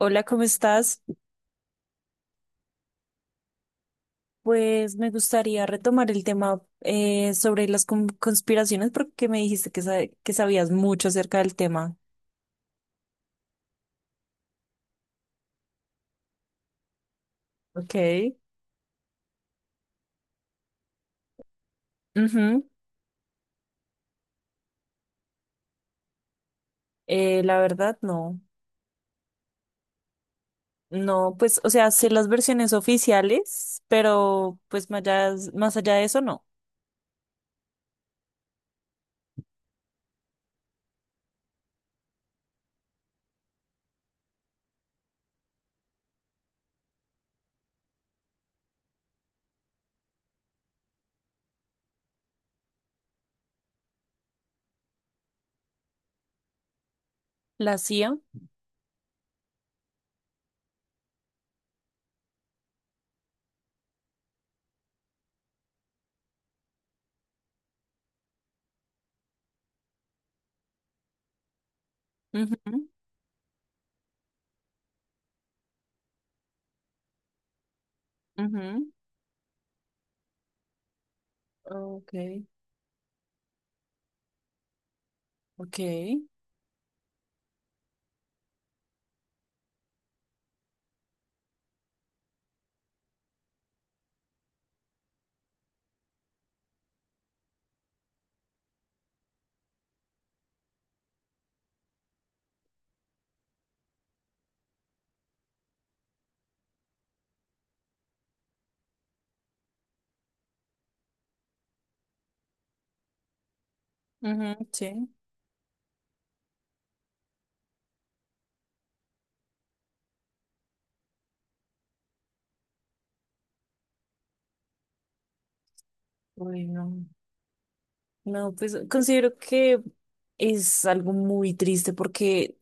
Hola, ¿cómo estás? Pues me gustaría retomar el tema sobre las conspiraciones porque me dijiste que sabías mucho acerca del tema. Ok. Ujú. La verdad, no. No, pues, o sea, sé las versiones oficiales, pero pues más allá de eso, no. La CIA. Ujú, ujú, ok, ok, ujú, sí. Bueno, no, pues considero que es algo muy triste porque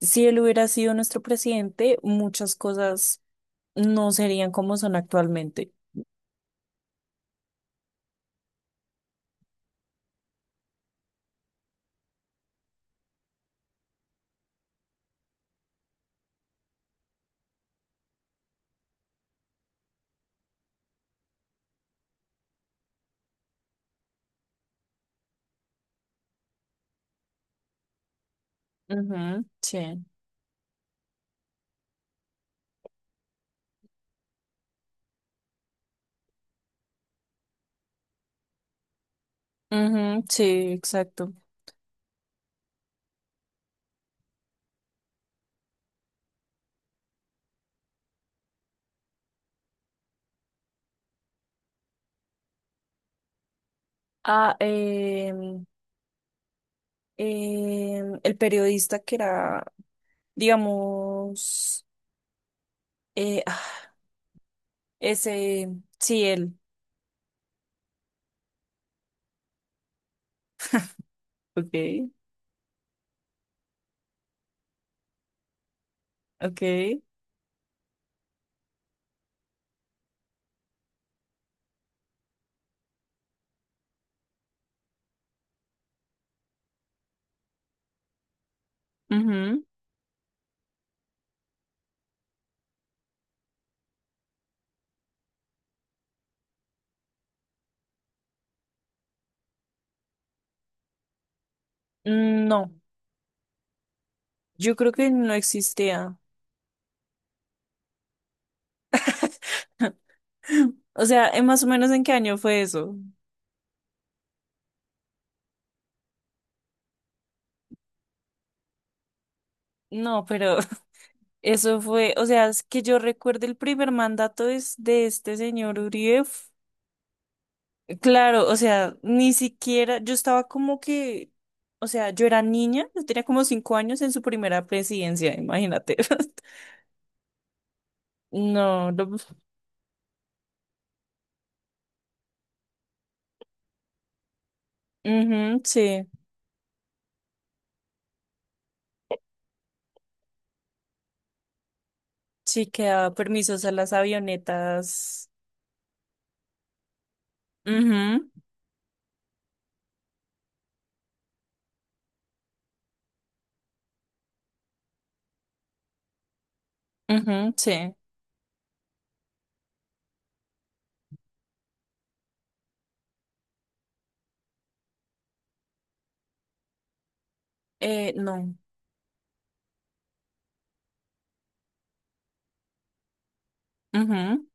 si él hubiera sido nuestro presidente, muchas cosas no serían como son actualmente. Ujú, sí. Ujú, sí, exacto. Ah, em, el periodista que era, digamos, eh, ah, ese, sí, él. Okay, okay. Ujú. No, yo creo que no existía. O sea, ¿en más o menos en qué año fue eso? No, pero eso fue, o sea, es que yo recuerdo el primer mandato es de este señor Uribe. Claro, o sea, ni siquiera, yo estaba como que, o sea, yo era niña, yo tenía como 5 años en su primera presidencia, imagínate. No, ujú, sí, sí que daba permisos a las avionetas. Mhm, mhm, sí. No. Mhm,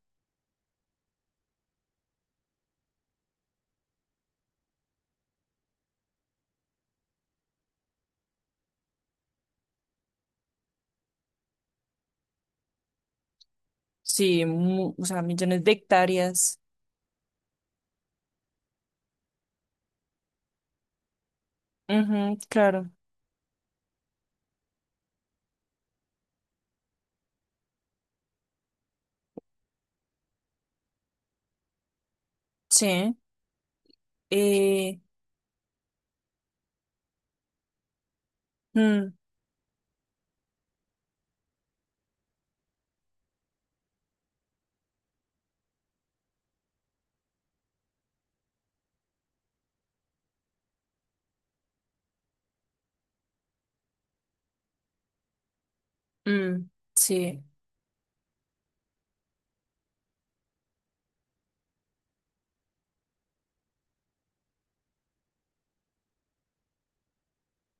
sí, o sea, millones de hectáreas. Mhm, claro, sí. Eh, mm, Mm, sí,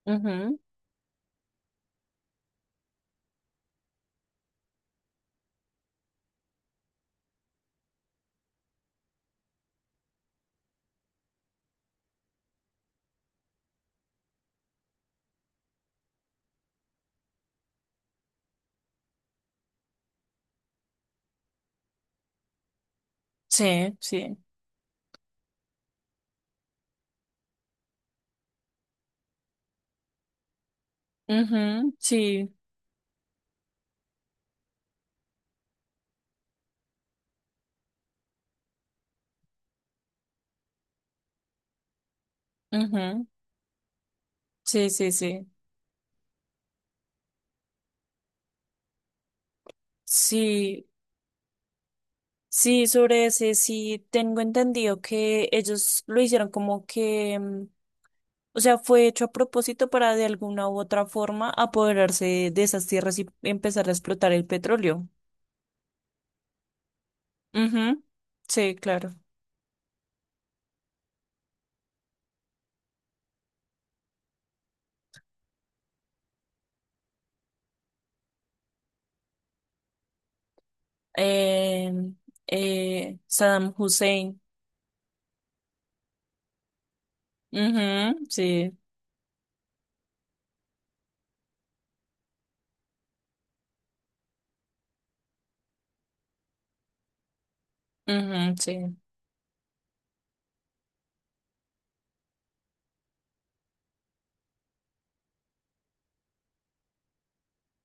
ujú, sí, ujú, sí, ujú, sí, sí, sí, sí, sí, sobre ese sí tengo entendido que ellos lo hicieron como que, o sea, fue hecho a propósito para de alguna u otra forma apoderarse de esas tierras y empezar a explotar el petróleo. Ujú, sí, claro. Eh, Saddam Hussein. Ujú, sí, ujú, sí,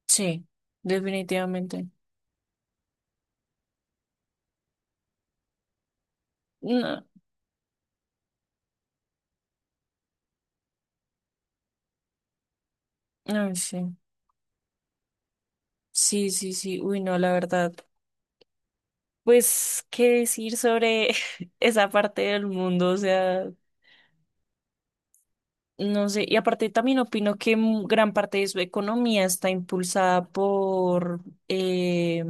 sí, definitivamente. No, no sé. Sí, sí, sí. Uy, no, la verdad. Pues, ¿qué decir sobre esa parte del mundo? O sea, no sé. Y aparte también opino que gran parte de su economía está impulsada por eh,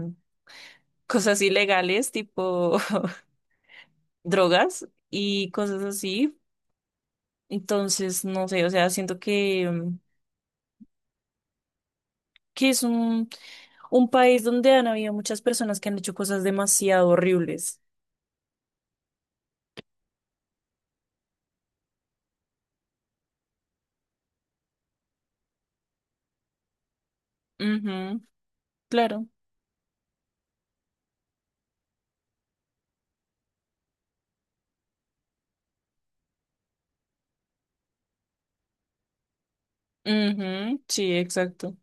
cosas ilegales, tipo drogas y cosas así. Entonces, no sé, o sea, siento que, que es un país donde han habido muchas personas que han hecho cosas demasiado horribles. Ujú, claro. Ujú, sí, exacto.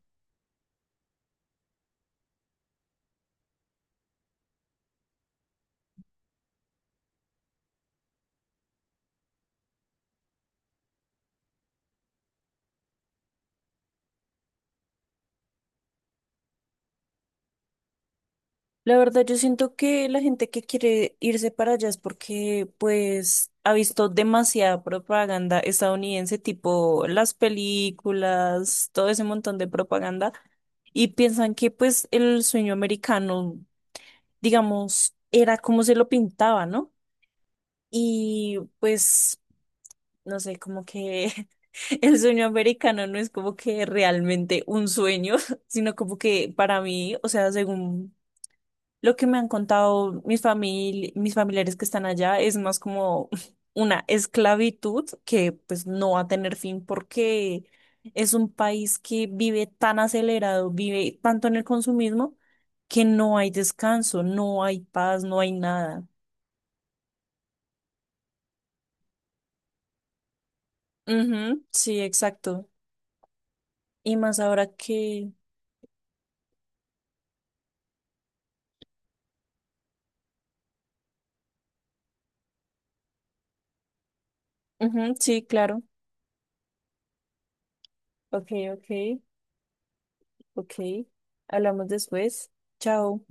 La verdad, yo siento que la gente que quiere irse para allá es porque, pues, ha visto demasiada propaganda estadounidense, tipo las películas, todo ese montón de propaganda, y piensan que, pues, el sueño americano, digamos, era como se lo pintaba, ¿no? Y, pues, no sé, como que el sueño americano no es como que realmente un sueño, sino como que para mí, o sea, según lo que me han contado mis familiares que están allá es más como una esclavitud que pues no va a tener fin porque es un país que vive tan acelerado, vive tanto en el consumismo que no hay descanso, no hay paz, no hay nada. Ujú, sí, exacto. Y más ahora que... Ujú, sí, claro. Ok, ok, ok. Hablamos después. Chao.